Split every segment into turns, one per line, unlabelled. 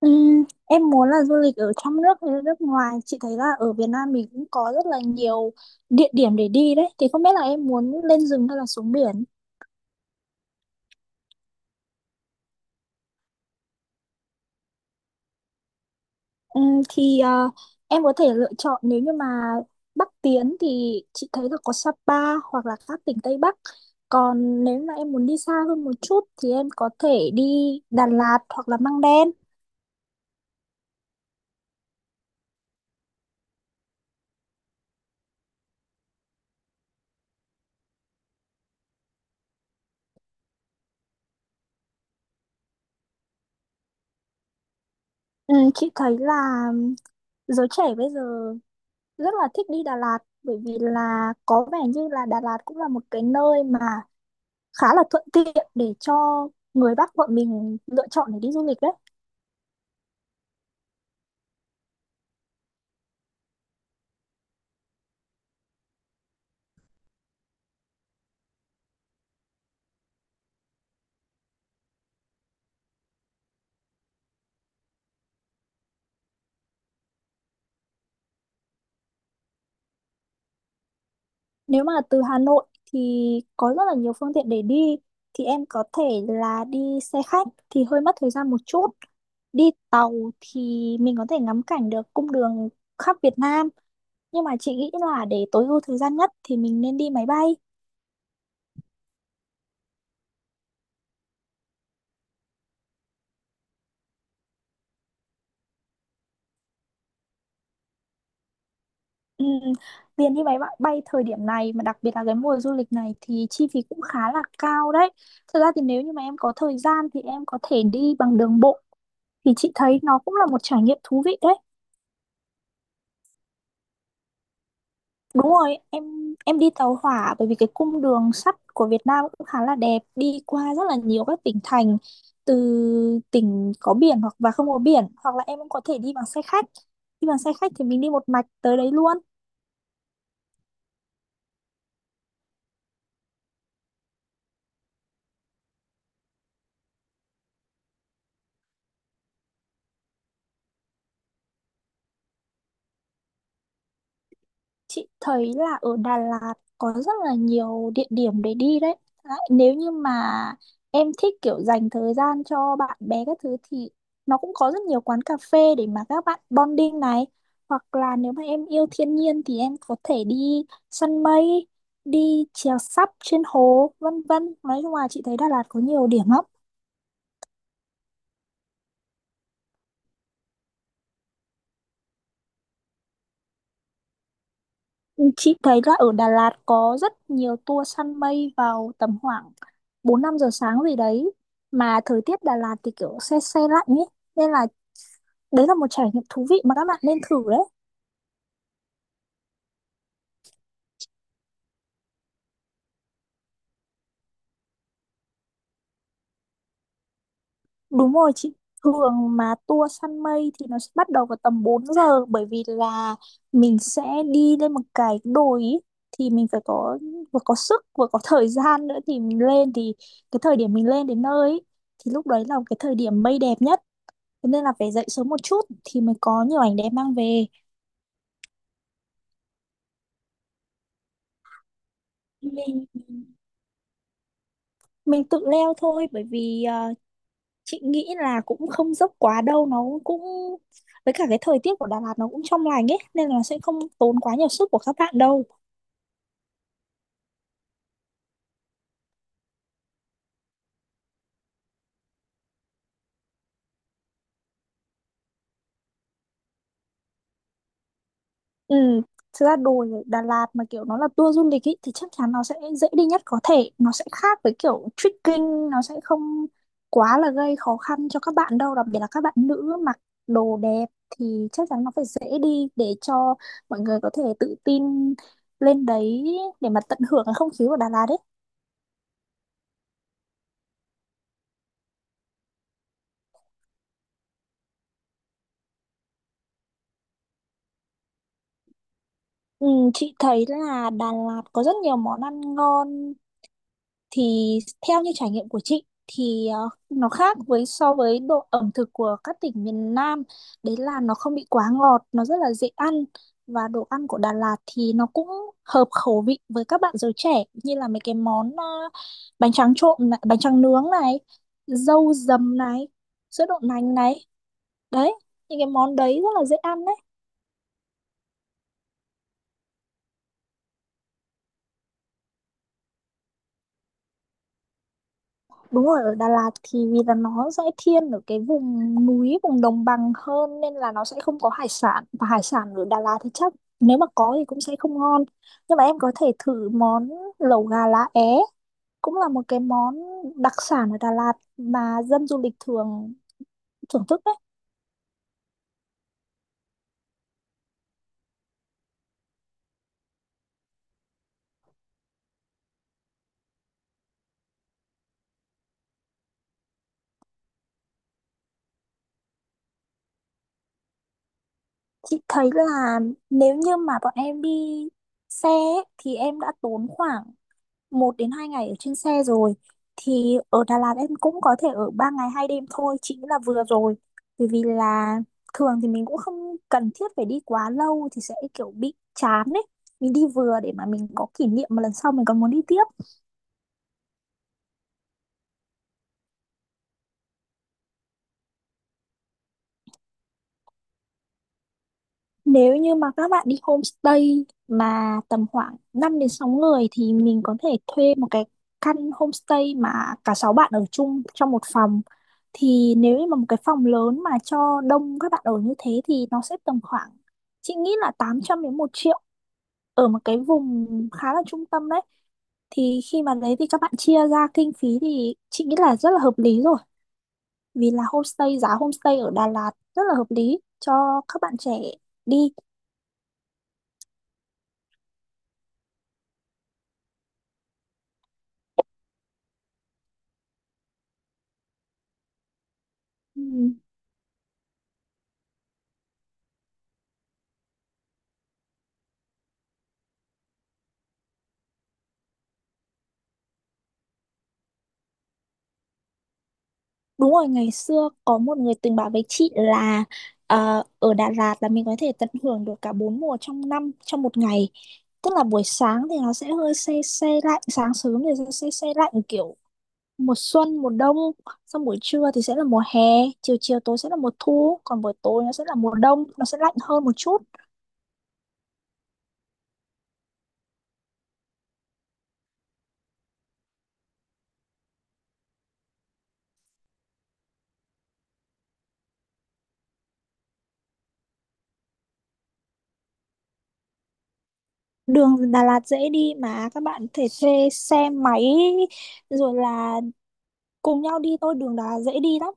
Em muốn là du lịch ở trong nước hay là nước ngoài? Chị thấy là ở Việt Nam mình cũng có rất là nhiều địa điểm để đi đấy, thì không biết là em muốn lên rừng hay là xuống biển? Thì em có thể lựa chọn, nếu như mà Bắc tiến thì chị thấy là có Sapa hoặc là các tỉnh Tây Bắc, còn nếu mà em muốn đi xa hơn một chút thì em có thể đi Đà Lạt hoặc là Măng Đen. Chị thấy là giới trẻ bây giờ rất là thích đi Đà Lạt, bởi vì là có vẻ như là Đà Lạt cũng là một cái nơi mà khá là thuận tiện để cho người Bắc bọn mình lựa chọn để đi du lịch đấy. Nếu mà từ Hà Nội thì có rất là nhiều phương tiện để đi, thì em có thể là đi xe khách thì hơi mất thời gian một chút. Đi tàu thì mình có thể ngắm cảnh được cung đường khắp Việt Nam, nhưng mà chị nghĩ là để tối ưu thời gian nhất thì mình nên đi máy bay. Ừ, tiền đi máy bay, bay thời điểm này mà đặc biệt là cái mùa du lịch này thì chi phí cũng khá là cao đấy. Thật ra thì nếu như mà em có thời gian thì em có thể đi bằng đường bộ, thì chị thấy nó cũng là một trải nghiệm thú vị đấy. Đúng rồi, em đi tàu hỏa bởi vì cái cung đường sắt của Việt Nam cũng khá là đẹp, đi qua rất là nhiều các tỉnh thành, từ tỉnh có biển hoặc và không có biển, hoặc là em cũng có thể đi bằng xe khách. Đi bằng xe khách thì mình đi một mạch tới đấy luôn. Chị thấy là ở Đà Lạt có rất là nhiều địa điểm để đi đấy. Nếu như mà em thích kiểu dành thời gian cho bạn bè các thứ thì nó cũng có rất nhiều quán cà phê để mà các bạn bonding này. Hoặc là nếu mà em yêu thiên nhiên thì em có thể đi săn mây, đi chèo sắp trên hồ, vân vân. Nói chung là chị thấy Đà Lạt có nhiều điểm lắm. Chị thấy là ở Đà Lạt có rất nhiều tour săn mây vào tầm khoảng 4-5 giờ sáng gì đấy, mà thời tiết Đà Lạt thì kiểu se se lạnh ấy, nên là đấy là một trải nghiệm thú vị mà các bạn nên thử đấy. Đúng rồi chị. Thường mà tour săn mây thì nó sẽ bắt đầu vào tầm 4 giờ, bởi vì là mình sẽ đi lên một cái đồi ý. Thì mình phải có vừa có sức vừa có thời gian nữa thì mình lên, thì cái thời điểm mình lên đến nơi ý, thì lúc đấy là cái thời điểm mây đẹp nhất. Thế nên là phải dậy sớm một chút thì mới có nhiều ảnh đẹp mang về. Mình mình tự leo thôi, bởi vì chị nghĩ là cũng không dốc quá đâu, nó cũng với cả cái thời tiết của Đà Lạt nó cũng trong lành ấy nên là sẽ không tốn quá nhiều sức của các bạn đâu. Ừ, thực ra đồi ở Đà Lạt mà kiểu nó là tour du lịch ý, thì chắc chắn nó sẽ dễ đi nhất có thể. Nó sẽ khác với kiểu trekking, nó sẽ không quá là gây khó khăn cho các bạn đâu. Đặc biệt là các bạn nữ mặc đồ đẹp thì chắc chắn nó phải dễ đi để cho mọi người có thể tự tin lên đấy để mà tận hưởng cái không khí của Đà Lạt ấy. Ừ, chị thấy là Đà Lạt có rất nhiều món ăn ngon, thì theo như trải nghiệm của chị thì nó khác với so với độ ẩm thực của các tỉnh miền Nam, đấy là nó không bị quá ngọt, nó rất là dễ ăn, và đồ ăn của Đà Lạt thì nó cũng hợp khẩu vị với các bạn giới trẻ, như là mấy cái món bánh tráng trộn này, bánh tráng nướng này, dâu dầm này, sữa đậu nành này, đấy, những cái món đấy rất là dễ ăn đấy. Đúng rồi, ở Đà Lạt thì vì là nó sẽ thiên ở cái vùng núi, vùng đồng bằng hơn, nên là nó sẽ không có hải sản. Và hải sản ở Đà Lạt thì chắc nếu mà có thì cũng sẽ không ngon. Nhưng mà em có thể thử món lẩu gà lá é, cũng là một cái món đặc sản ở Đà Lạt mà dân du lịch thường thưởng thức đấy. Chị thấy là nếu như mà bọn em đi xe ấy, thì em đã tốn khoảng 1 đến 2 ngày ở trên xe rồi, thì ở Đà Lạt em cũng có thể ở 3 ngày 2 đêm thôi, chị nghĩ là vừa rồi, bởi vì là thường thì mình cũng không cần thiết phải đi quá lâu thì sẽ kiểu bị chán ấy, mình đi vừa để mà mình có kỷ niệm mà lần sau mình còn muốn đi tiếp. Nếu như mà các bạn đi homestay mà tầm khoảng 5 đến 6 người thì mình có thể thuê một cái căn homestay mà cả 6 bạn ở chung trong một phòng. Thì nếu như mà một cái phòng lớn mà cho đông các bạn ở như thế thì nó sẽ tầm khoảng, chị nghĩ là 800 đến một triệu, ở một cái vùng khá là trung tâm đấy. Thì khi mà đấy thì các bạn chia ra kinh phí thì chị nghĩ là rất là hợp lý rồi. Vì là homestay, giá homestay ở Đà Lạt rất là hợp lý cho các bạn trẻ đi. Ừ. Đúng rồi, ngày xưa có một người từng bảo với chị là ở Đà Lạt là mình có thể tận hưởng được cả bốn mùa trong năm trong một ngày. Tức là buổi sáng thì nó sẽ hơi se se lạnh, sáng sớm thì sẽ se se lạnh kiểu mùa xuân, mùa đông, xong buổi trưa thì sẽ là mùa hè, chiều chiều tối sẽ là mùa thu, còn buổi tối nó sẽ là mùa đông, nó sẽ lạnh hơn một chút. Đường Đà Lạt dễ đi, mà các bạn có thể thuê xe máy rồi là cùng nhau đi thôi, đường Đà Lạt dễ đi lắm.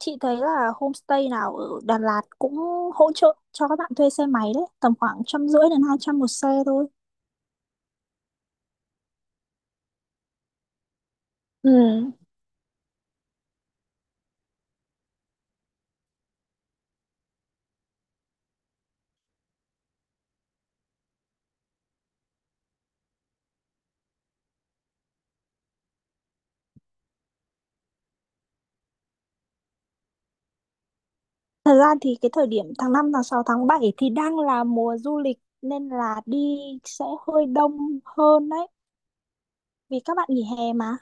Chị thấy là homestay nào ở Đà Lạt cũng hỗ trợ cho các bạn thuê xe máy đấy, tầm khoảng 150 đến 200 một xe thôi. Ừ. Thật ra thì cái thời điểm tháng 5 tháng 6 tháng 7 thì đang là mùa du lịch, nên là đi sẽ hơi đông hơn đấy. Vì các bạn nghỉ hè mà.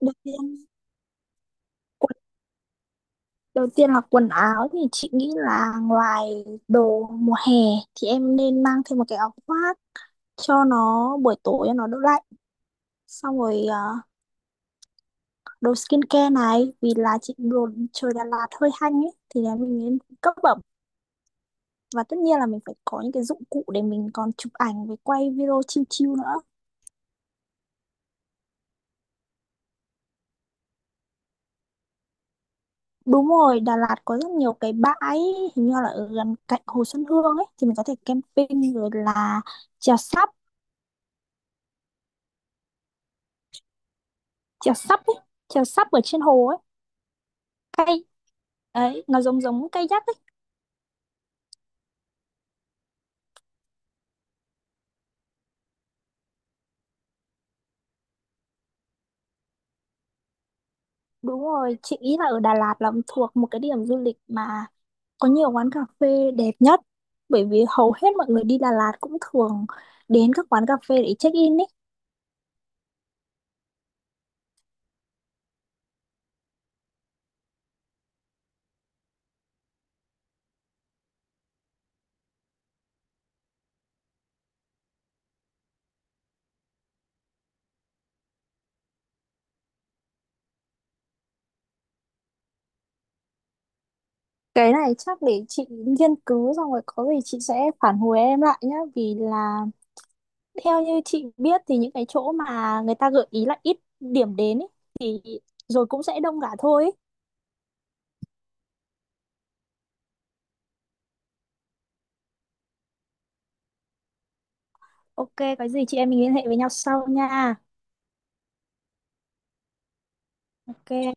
Đầu tiên, quần- đầu tiên là quần áo thì chị nghĩ là ngoài đồ mùa hè thì em nên mang thêm một cái áo khoác cho nó buổi tối cho nó đỡ lạnh. Xong rồi à, đồ skincare này, vì là chị đồ trời Đà Lạt hơi hanh ấy thì là mình nên cấp bẩm, và tất nhiên là mình phải có những cái dụng cụ để mình còn chụp ảnh với quay video chill chill nữa. Đúng rồi, Đà Lạt có rất nhiều cái bãi hình như là ở gần cạnh Hồ Xuân Hương ấy thì mình có thể camping, rồi là chèo sắp, chèo sắp ấy, chèo sắp ở trên hồ ấy, cây ấy, nó giống giống kayak ấy. Đúng rồi, chị nghĩ là ở Đà Lạt là thuộc một cái điểm du lịch mà có nhiều quán cà phê đẹp nhất, bởi vì hầu hết mọi người đi Đà Lạt cũng thường đến các quán cà phê để check in ý. Cái này chắc để chị nghiên cứu xong rồi có gì chị sẽ phản hồi em lại nhá, vì là theo như chị biết thì những cái chỗ mà người ta gợi ý là ít điểm đến ý, thì rồi cũng sẽ đông cả thôi ý. Ok, có gì chị em mình liên hệ với nhau sau nha. Ok